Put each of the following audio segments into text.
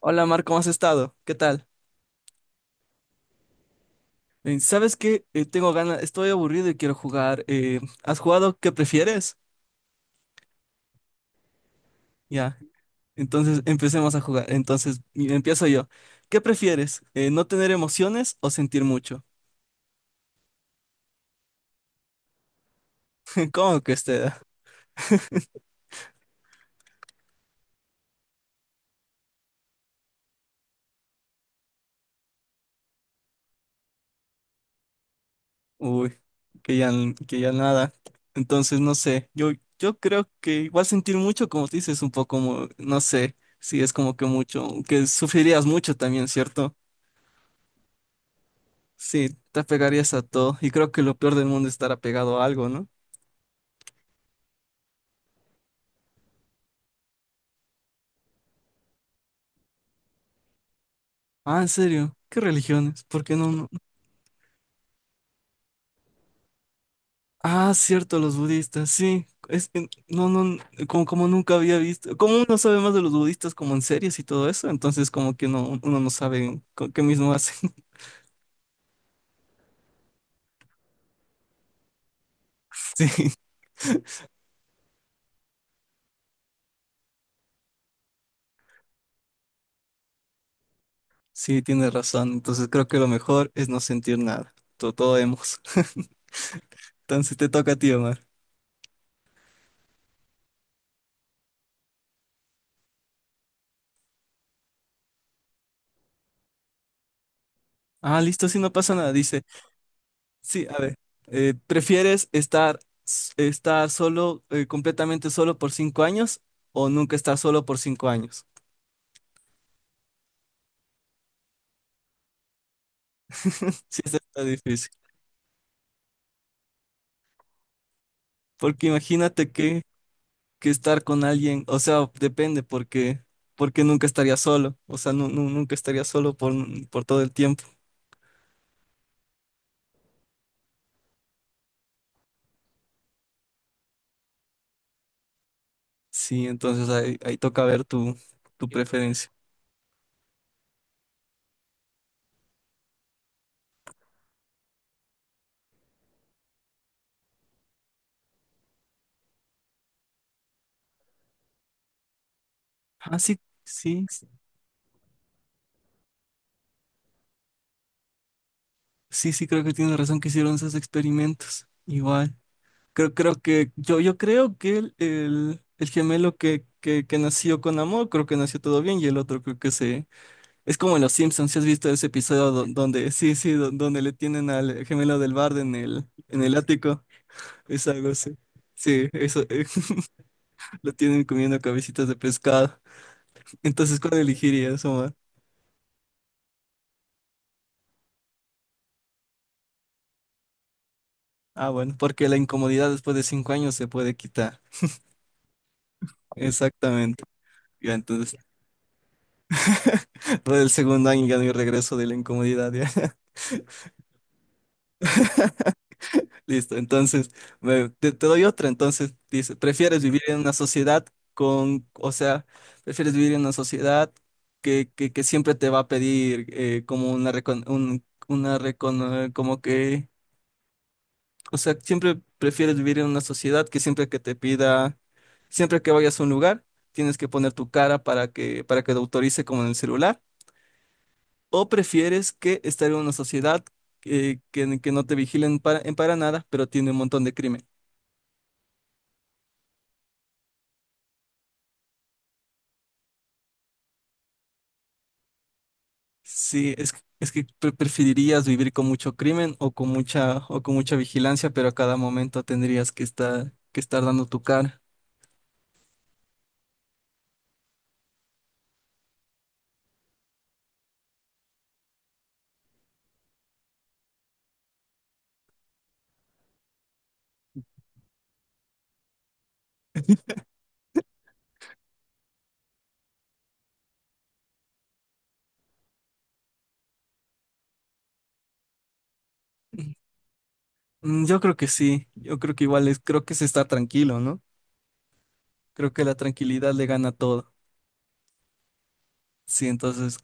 Hola Mar, ¿cómo has estado? ¿Qué tal? ¿Sabes qué? Tengo ganas, estoy aburrido y quiero jugar. ¿Has jugado? ¿Qué prefieres? Ya, entonces empecemos a jugar. Entonces y empiezo yo. ¿Qué prefieres? ¿No tener emociones o sentir mucho? ¿Cómo que usted? Uy, que ya, que ya nada. Entonces no sé, yo creo que igual sentir mucho, como te dices, un poco, no sé, si es como que mucho, que sufrirías mucho también, ¿cierto? Sí, te apegarías a todo. Y creo que lo peor del mundo es estar apegado a algo, ¿no? Ah, ¿en serio? ¿Qué religiones? ¿Por qué no? Ah, cierto, los budistas, sí. Es que no, no, como, como nunca había visto. Como uno sabe más de los budistas como en series y todo eso, entonces como que no, uno no sabe qué mismo hacen. Sí, sí, tienes razón. Entonces creo que lo mejor es no sentir nada. Todo, todo hemos. Entonces te toca a ti, Omar. Ah, listo, sí, no pasa nada. Dice. Sí, a ver, ¿prefieres estar solo, completamente solo por 5 años o nunca estar solo por 5 años? Está difícil, porque imagínate que estar con alguien, o sea, depende, porque, porque nunca estaría solo, o sea, nunca estaría solo por todo el tiempo. Sí, entonces ahí toca ver tu preferencia. Ah, sí, sí, sí, sí, creo que tienes razón que hicieron esos experimentos. Igual. Creo que yo creo que el gemelo que nació con amor, creo que nació todo bien, y el otro creo que se... Es como en Los Simpsons, si has visto ese episodio donde, sí, sí, donde le tienen al gemelo del bardo en en el ático. Es algo así. Sí, eso, lo tienen comiendo cabecitas de pescado. Entonces, ¿cuál elegirías, Omar? Ah, bueno, porque la incomodidad después de 5 años se puede quitar. Exactamente. Ya, entonces, todo el segundo año ya no hay regreso de la incomodidad, ya. Listo, entonces te doy otra. Entonces dice, ¿prefieres vivir en una sociedad con, o sea, prefieres vivir en una sociedad que siempre te va a pedir como una, una como que, o sea, siempre prefieres vivir en una sociedad que siempre que te pida, siempre que vayas a un lugar, tienes que poner tu cara para que te autorice como en el celular? ¿O prefieres que estar en una sociedad que no te vigilen en para nada, pero tiene un montón de crimen? Sí, es que preferirías vivir con mucho crimen o con mucha vigilancia, pero a cada momento tendrías que estar dando tu cara. Mm, yo creo que sí, yo creo que igual es, creo que es estar tranquilo, ¿no? Creo que la tranquilidad le gana todo. Sí, entonces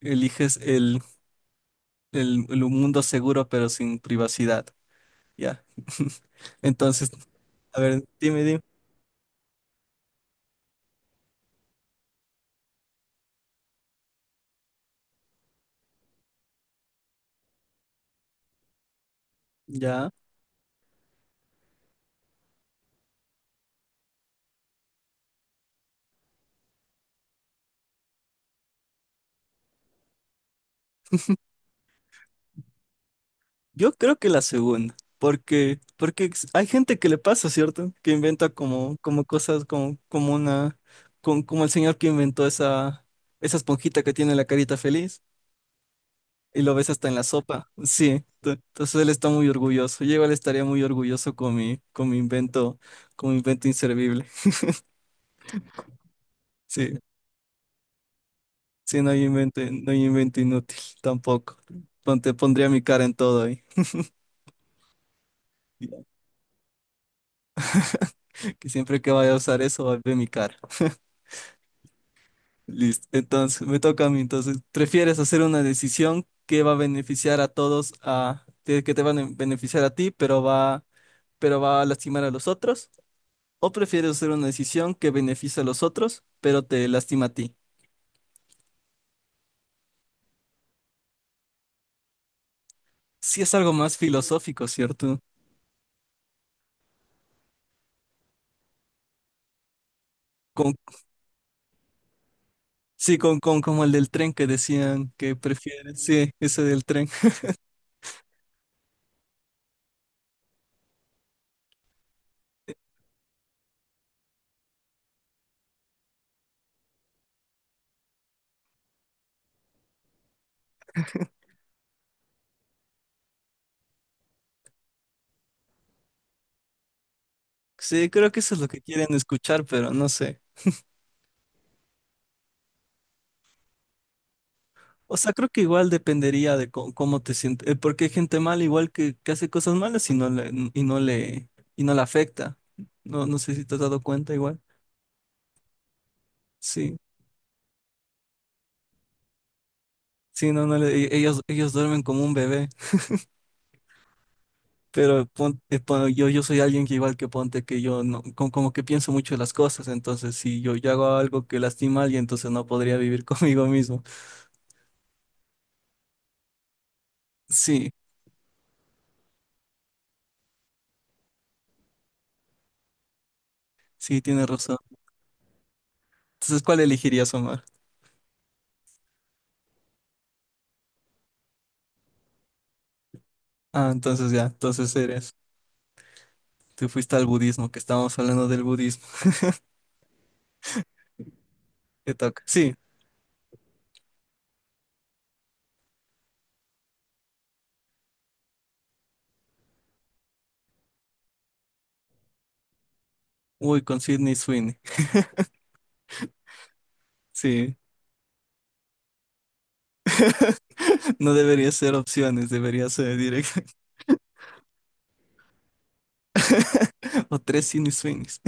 eliges el mundo seguro pero sin privacidad. Ya. Entonces, a ver, dime. Ya. Yo creo que la segunda, porque, porque hay gente que le pasa, ¿cierto? Que inventa como, como cosas, como, como una, como el señor que inventó esa esponjita que tiene la carita feliz y lo ves hasta en la sopa. Sí, entonces él está muy orgulloso. Yo igual estaría muy orgulloso con con mi invento inservible. Sí, sí, no hay invento, no hay invento inútil tampoco. Pon- Te pondría mi cara en todo ahí. Que siempre que vaya a usar eso, va a ver mi cara. Listo. Entonces, me toca a mí. Entonces, ¿prefieres hacer una decisión que va a beneficiar a todos, a, que te van a beneficiar a ti, pero va a lastimar a los otros? ¿O prefieres hacer una decisión que beneficia a los otros, pero te lastima a ti? Sí, es algo más filosófico, ¿cierto? Con, sí, con como el del tren que decían que prefieres. Sí, ese del tren. Sí, creo que eso es lo que quieren escuchar, pero no sé. O sea, creo que igual dependería de cómo te sientes, porque hay gente mala igual que hace cosas malas y no le afecta. No, no sé si te has dado cuenta igual. Sí, sí, no, no ellos duermen como un bebé, pero yo soy alguien que igual que ponte que yo no, como, que pienso mucho de las cosas, entonces si yo hago algo que lastima a alguien, entonces no podría vivir conmigo mismo. Sí, sí, tienes razón. Entonces, ¿cuál elegirías, Omar? Ah, entonces ya, entonces eres. Te fuiste al budismo, que estábamos hablando del budismo. Te toca. Sí. Uy, con Sydney Sweeney. Sí. No debería ser opciones, debería ser directo. O tres Sydney Sweeneys.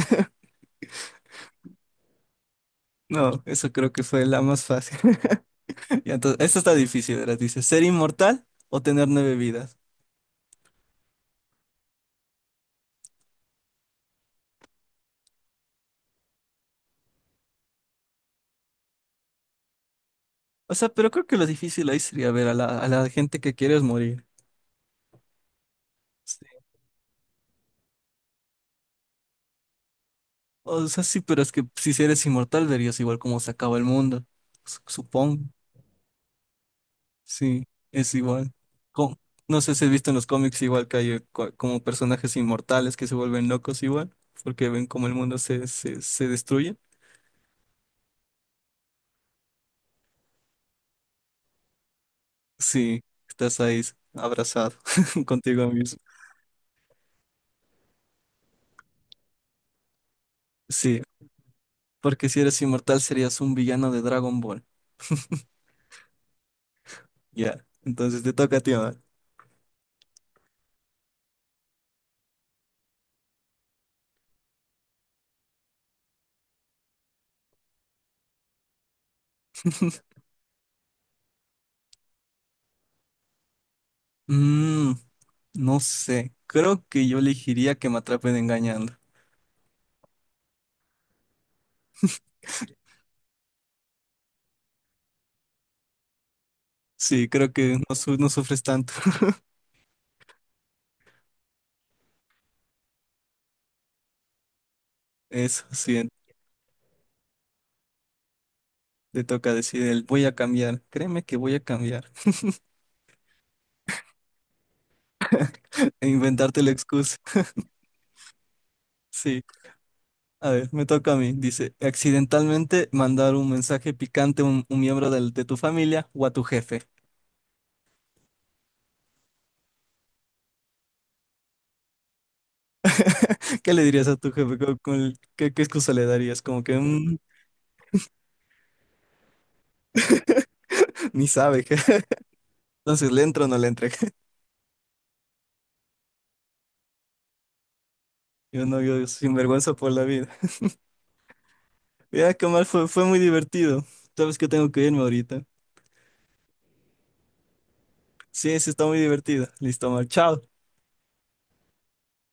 No, eso creo que fue la más fácil. Y entonces, esto está difícil, ¿verdad? Dice, ¿ser inmortal o tener 9 vidas? O sea, pero creo que lo difícil ahí sería ver a a la gente que quieres morir. Sí. O sea, sí, pero es que si eres inmortal verías igual cómo se acaba el mundo. Su- Supongo. Sí, es igual. Com- no sé si has visto en los cómics igual que hay como personajes inmortales que se vuelven locos igual, porque ven como el mundo se destruye. Sí, estás ahí abrazado contigo mismo. Sí, porque si eres inmortal serías un villano de Dragon Ball. Ya, entonces te toca a ti ahora. Mm, no sé, creo que yo elegiría que me atrapen engañando. Sí, creo que no, no sufres tanto. Eso, sí, te toca decir el voy a cambiar. Créeme que voy a cambiar. e inventarte la excusa. Sí, a ver, me toca a mí. Dice, accidentalmente mandar un mensaje picante a un miembro de tu familia o a tu jefe. ¿Qué le dirías a tu jefe? Qué excusa le darías? Como que "Mm, ni sabe. Entonces, ¿le entro o no le entro? Yo no, yo sinvergüenza por la vida. Mira, qué mal, fue muy divertido. Sabes que tengo que irme ahorita. Sí, sí, está muy divertido. Listo, mal. Chao.